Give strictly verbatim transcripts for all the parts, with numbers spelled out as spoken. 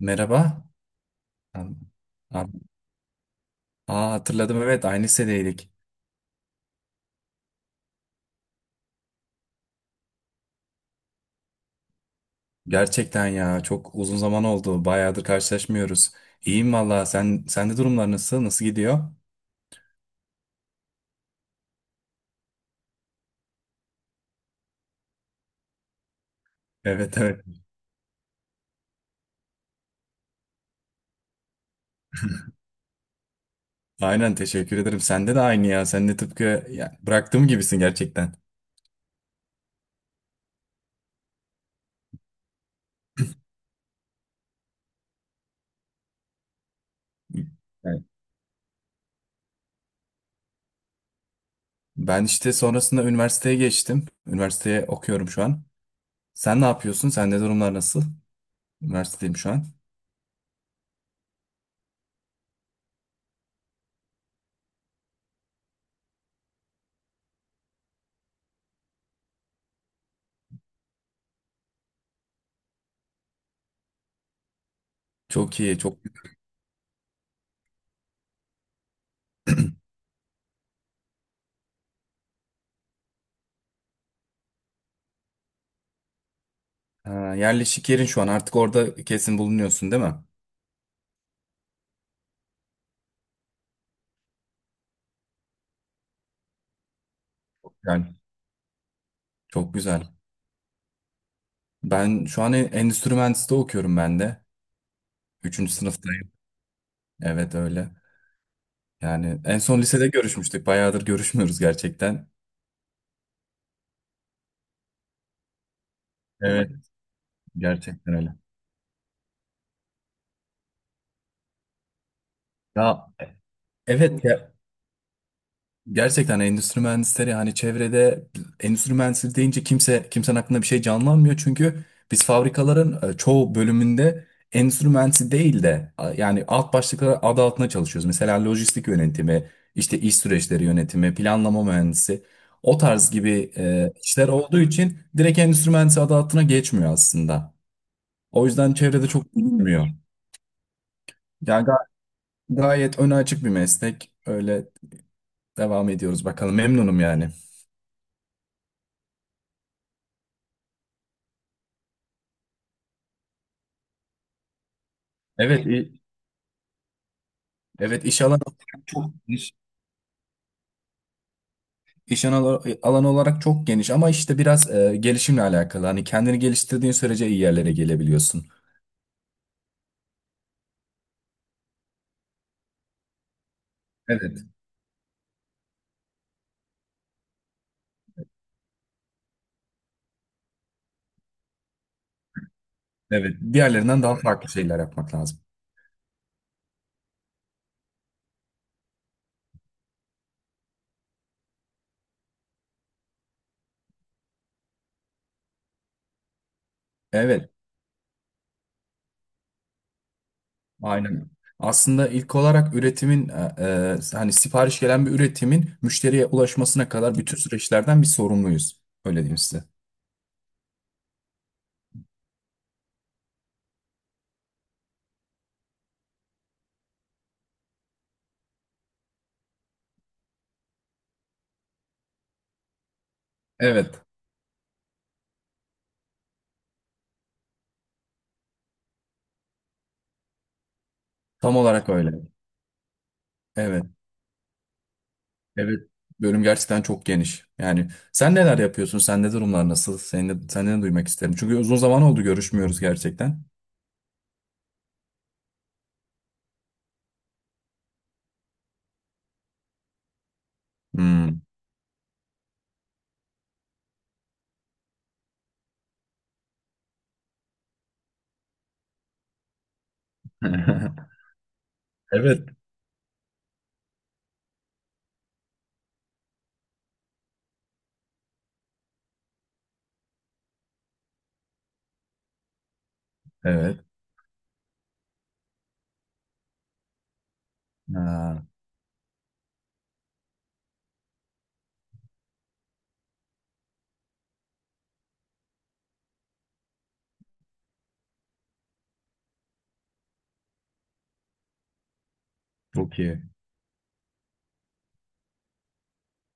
Merhaba. Tamam. Abi- Aa, hatırladım evet aynı lisedeydik. Gerçekten ya çok uzun zaman oldu. Bayağıdır karşılaşmıyoruz. İyiyim valla. Sen sende durumlar nasıl? Nasıl gidiyor? Evet, evet. Aynen, teşekkür ederim. Sende de aynı ya. Sen de tıpkı ya, bıraktığım gibisin gerçekten. Evet. Ben işte sonrasında üniversiteye geçtim. Üniversiteye okuyorum şu an. Sen ne yapıyorsun? Sende durumlar nasıl? Üniversitedeyim şu an. Çok iyi, çok. Ha, yerleşik yerin şu an artık orada, kesin bulunuyorsun değil mi? Yani çok güzel. Ben şu an en- endüstri mühendisliği okuyorum ben de. Üçüncü sınıftayım. Evet, öyle. Yani en son lisede görüşmüştük. Bayağıdır görüşmüyoruz gerçekten. Evet, gerçekten öyle. Ya evet ya, gerçekten endüstri mühendisleri hani çevrede endüstri mühendisleri deyince kimse kimsenin aklında bir şey canlanmıyor. Çünkü biz fabrikaların e, çoğu bölümünde endüstri mühendisi değil de a, yani alt başlıklar adı altında çalışıyoruz. Mesela lojistik yönetimi, işte iş süreçleri yönetimi, planlama mühendisi, o tarz gibi e, işler olduğu için direkt endüstri mühendisi adı altına geçmiyor aslında. O yüzden çevrede çok bilinmiyor. Yani ga- Gayet öne açık bir meslek. Öyle devam ediyoruz bakalım, memnunum yani. Evet. Evet, iş alanı olarak çok geniş. İş alanı alanı olarak çok geniş, ama işte biraz e, gelişimle alakalı. Hani kendini geliştirdiğin sürece iyi yerlere gelebiliyorsun. Evet, evet. Diğerlerinden daha farklı şeyler yapmak lazım. Evet, aynen. Aslında ilk olarak üretimin e, e, hani sipariş gelen bir üretimin müşteriye ulaşmasına kadar bütün süreçlerden bir sorumluyuz. Öyle diyeyim size. Evet, tam olarak öyle. Evet. Evet, bölüm gerçekten çok geniş. Yani sen neler yapıyorsun? Sende durumlar nasıl? Seni, de, senden de duymak isterim. Çünkü uzun zaman oldu, görüşmüyoruz gerçekten. Hmm. Evet. Evet. Ha, çok iyi.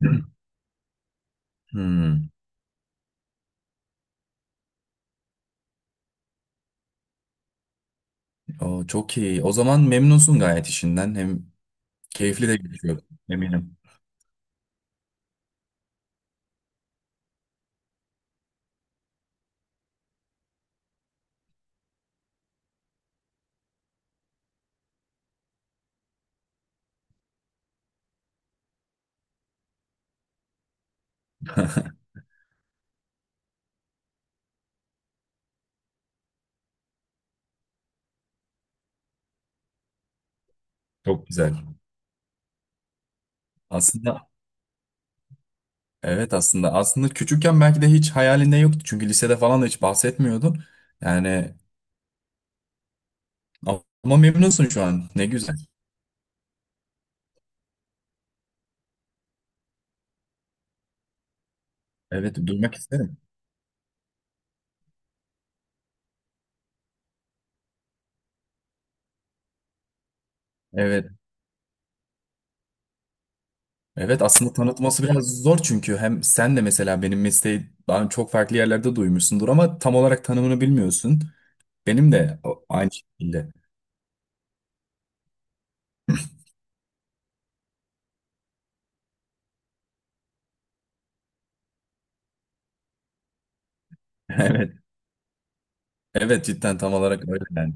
Hmm. O, çok iyi. O zaman memnunsun gayet işinden. Hem keyifli de geçiyor. Eminim. Çok güzel. Aslında evet, aslında aslında küçükken belki de hiç hayalinde yoktu. Çünkü lisede falan da hiç bahsetmiyordun. Yani ama memnunsun şu an. Ne güzel. Evet, duymak isterim. Evet. Evet, aslında tanıtması biraz zor, çünkü hem sen de mesela benim mesleği daha çok farklı yerlerde duymuşsundur ama tam olarak tanımını bilmiyorsun. Benim de o- aynı şekilde. Evet. Evet, cidden tam olarak öyle yani.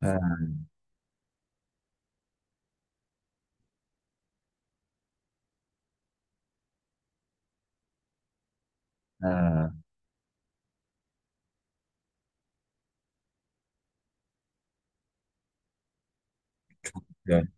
Ha, ha, güzel.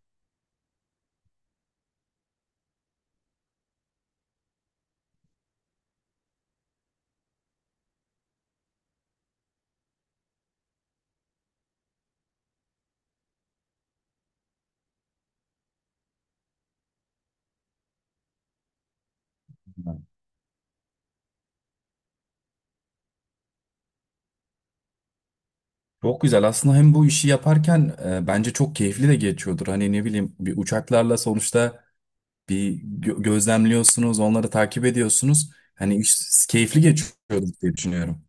Çok güzel. Aslında hem bu işi yaparken e, bence çok keyifli de geçiyordur. Hani ne bileyim, bir uçaklarla sonuçta bir gö- gözlemliyorsunuz, onları takip ediyorsunuz. Hani iş keyifli geçiyordur diye düşünüyorum.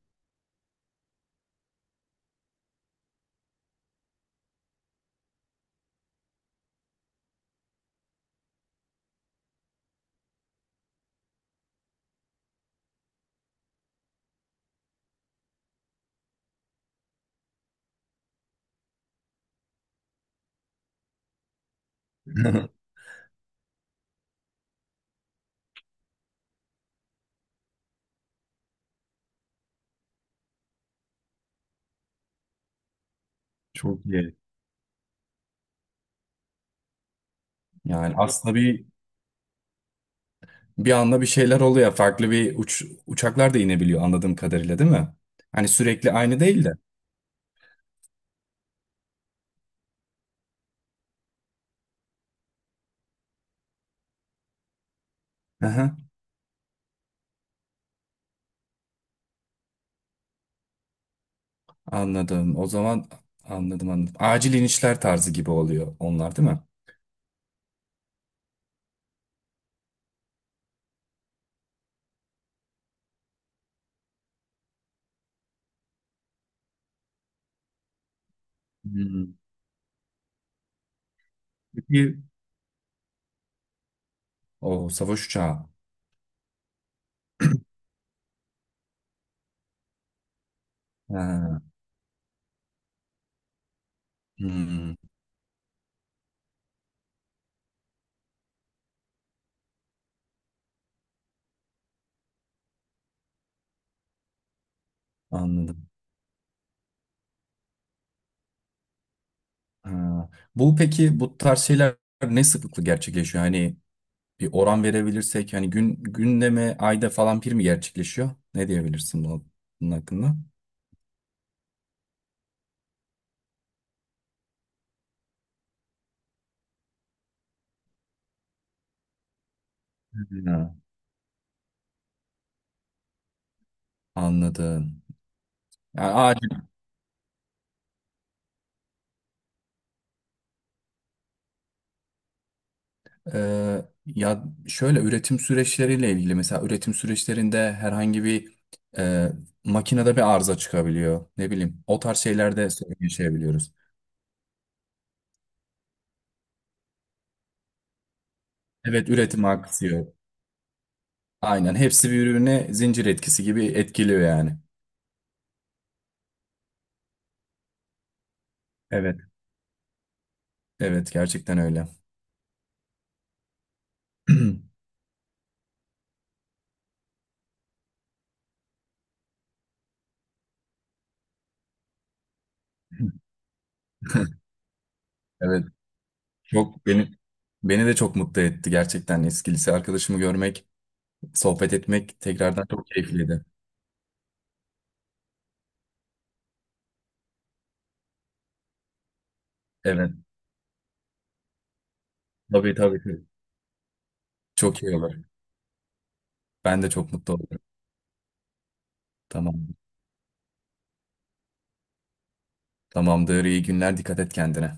Çok iyi. Yani aslında bir, bir anda bir şeyler oluyor. Farklı bir uç, uçaklar da inebiliyor anladığım kadarıyla, değil mi? Hani sürekli aynı değil de. Aha, anladım. O zaman anladım anladım. Acil inişler tarzı gibi oluyor onlar, değil mi? Hmm. Peki, o savaş uçağı. Ha, hmm, anladım. Ha. Bu, peki bu tarz şeyler ne sıklıkla gerçekleşiyor? Hani bir oran verebilirsek, hani gün günde mi, ayda falan bir mi gerçekleşiyor? Ne diyebilirsin bunun bunun hakkında? Ha, anladım. Yani Ee, ya şöyle, üretim süreçleriyle ilgili, mesela üretim süreçlerinde herhangi bir e, makinede bir arıza çıkabiliyor. Ne bileyim, o tarz şeylerde sorun yaşayabiliyoruz. Evet, üretim aksıyor. Aynen, hepsi birbirine zincir etkisi gibi etkiliyor yani. Evet. Evet, gerçekten öyle. Evet, çok beni, beni de çok mutlu etti gerçekten, eski lise arkadaşımı görmek, sohbet etmek tekrardan çok keyifliydi. Evet. Tabii, tabii, tabii. Çok iyi olur. Ben de çok mutlu olurum. Tamam. Tamamdır, iyi günler, dikkat et kendine.